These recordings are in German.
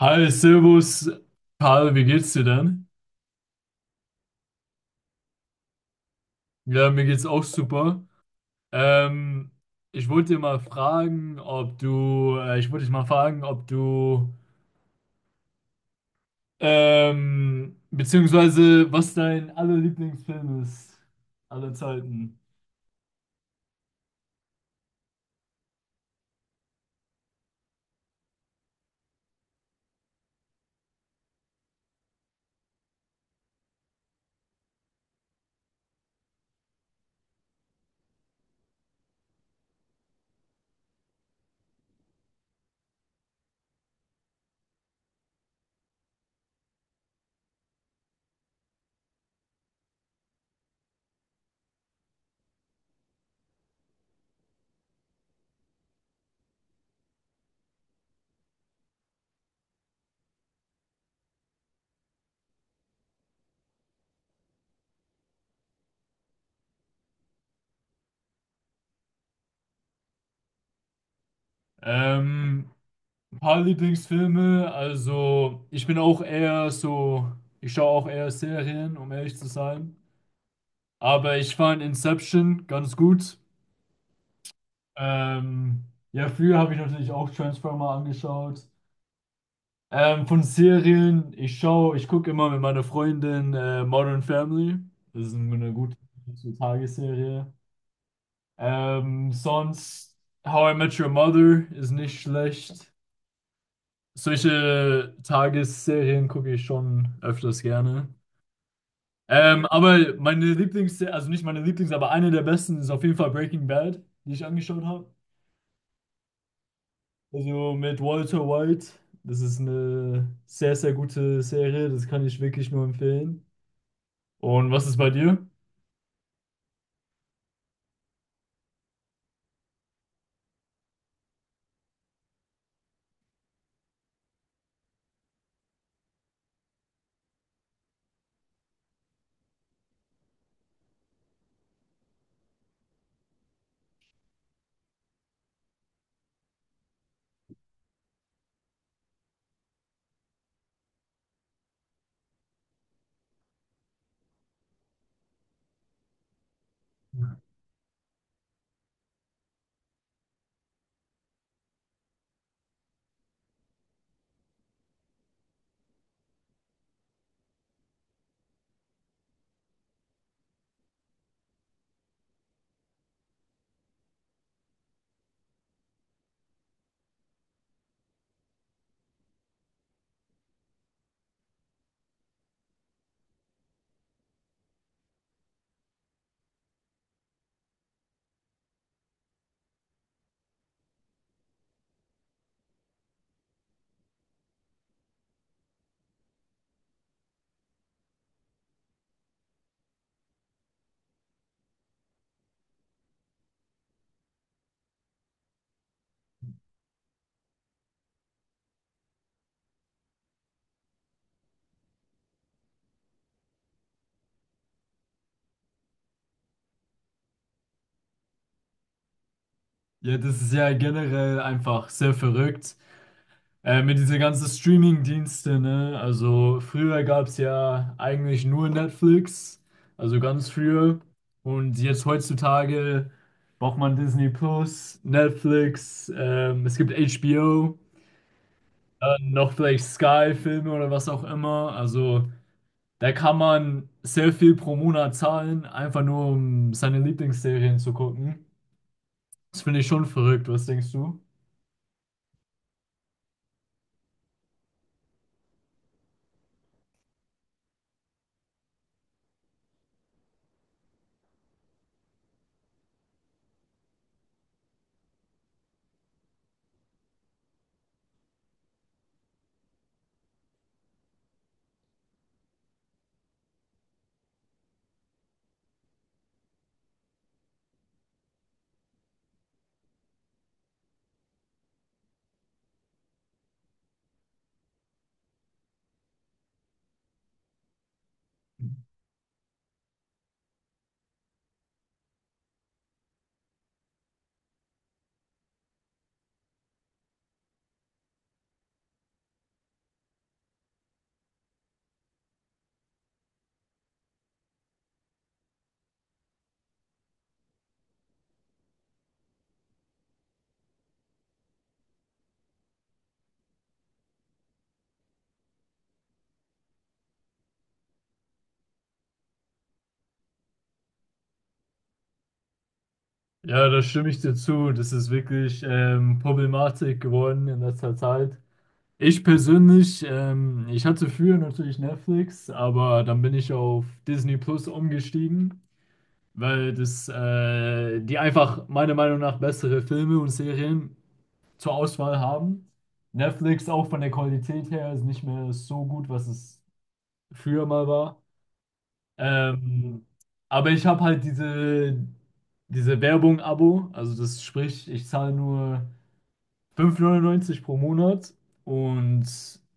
Hi, Servus, Karl, wie geht's dir denn? Ja, mir geht's auch super. Ähm, ich wollte dir mal fragen, ich wollte dich mal fragen, beziehungsweise was dein aller Lieblingsfilm ist aller Zeiten. Ähm, ein paar Lieblingsfilme, also ich bin auch eher so, ich schaue auch eher Serien, um ehrlich zu sein. Aber ich fand Inception ganz gut. Ähm, ja, früher habe ich natürlich auch Transformer angeschaut. Von Serien, ich gucke immer mit meiner Freundin Modern Family. Das ist eine gute Tagesserie. Sonst How I Met Your Mother ist nicht schlecht. Solche Tagesserien gucke ich schon öfters gerne. Aber also nicht meine Lieblings, aber eine der besten ist auf jeden Fall Breaking Bad, die ich angeschaut habe. Also mit Walter White, das ist eine sehr, sehr gute Serie, das kann ich wirklich nur empfehlen. Und was ist bei dir? Ja, das ist ja generell einfach sehr verrückt. Mit diesen ganzen Streaming-Dienste, ne? Also früher gab es ja eigentlich nur Netflix, also ganz früher. Und jetzt heutzutage braucht man Disney Plus, Netflix, es gibt HBO, dann noch vielleicht Sky-Filme oder was auch immer. Also da kann man sehr viel pro Monat zahlen, einfach nur um seine Lieblingsserien zu gucken. Das finde ich schon verrückt, was denkst du? Ja, da stimme ich dir zu. Das ist wirklich Problematik geworden in letzter Zeit. Ich persönlich, ich hatte früher natürlich Netflix, aber dann bin ich auf Disney Plus umgestiegen, weil die einfach meiner Meinung nach bessere Filme und Serien zur Auswahl haben. Netflix auch von der Qualität her ist nicht mehr so gut, was es früher mal war. Ähm, aber ich habe halt diese Werbung-Abo, also das sprich, ich zahle nur 5,99 pro Monat und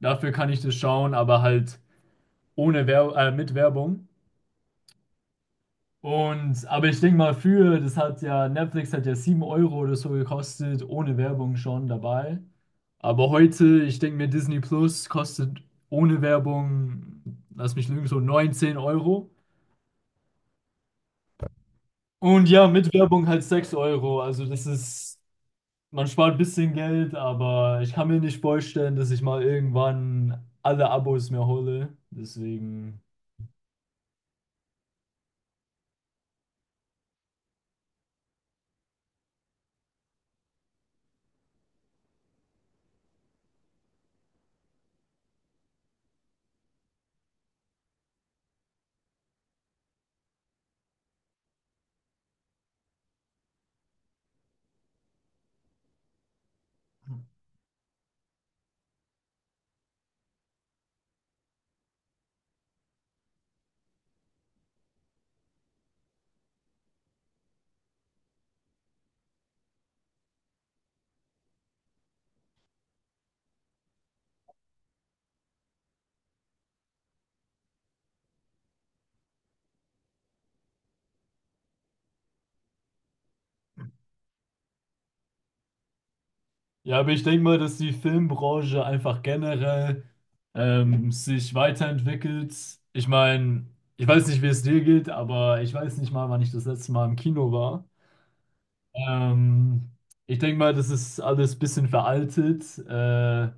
dafür kann ich das schauen, aber halt ohne Wer mit Werbung. Und, aber ich denke mal, das hat ja, Netflix hat ja 7€ oder so gekostet, ohne Werbung schon dabei. Aber heute, ich denke mir, Disney Plus kostet ohne Werbung, lass mich lügen, so 19€. Und ja, mit Werbung halt 6€. Also das ist, man spart ein bisschen Geld, aber ich kann mir nicht vorstellen, dass ich mal irgendwann alle Abos mir hole. Deswegen. Ja, aber ich denke mal, dass die Filmbranche einfach generell sich weiterentwickelt. Ich meine, ich weiß nicht, wie es dir geht, aber ich weiß nicht mal, wann ich das letzte Mal im Kino war. Ähm, ich denke mal, das ist alles ein bisschen veraltet.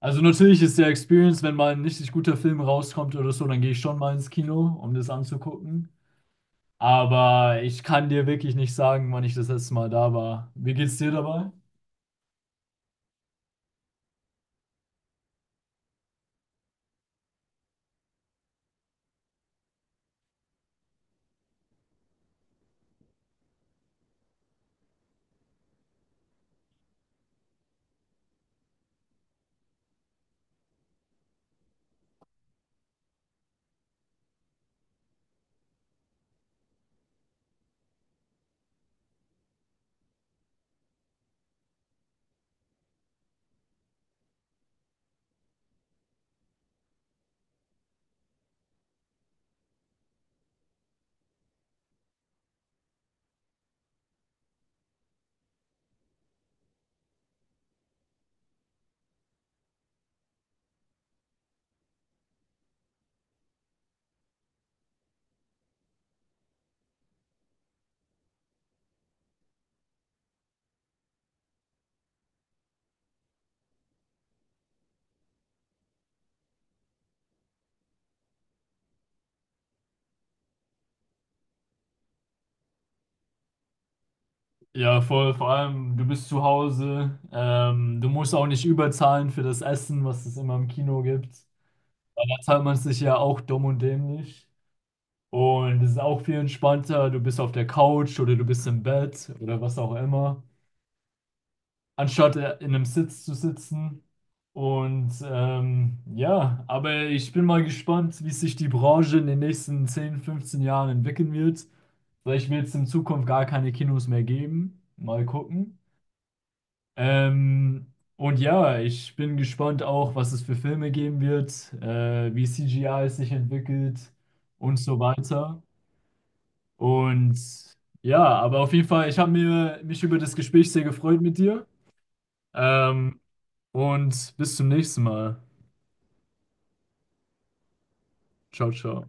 Also natürlich ist der Experience, wenn mal ein richtig guter Film rauskommt oder so, dann gehe ich schon mal ins Kino, um das anzugucken. Aber ich kann dir wirklich nicht sagen, wann ich das letzte Mal da war. Wie geht's dir dabei? Ja, voll. Vor allem, du bist zu Hause. Du musst auch nicht überzahlen für das Essen, was es immer im Kino gibt. Weil da zahlt man sich ja auch dumm und dämlich. Und es ist auch viel entspannter. Du bist auf der Couch oder du bist im Bett oder was auch immer. Anstatt in einem Sitz zu sitzen. Und ja, aber ich bin mal gespannt, wie sich die Branche in den nächsten 10 bis 15 Jahren entwickeln wird. Vielleicht wird es in Zukunft gar keine Kinos mehr geben. Mal gucken. Ähm, und ja, ich bin gespannt auch, was es für Filme geben wird, wie CGI es sich entwickelt und so weiter. Und ja, aber auf jeden Fall, ich habe mir mich über das Gespräch sehr gefreut mit dir. Ähm, und bis zum nächsten Mal. Ciao, ciao.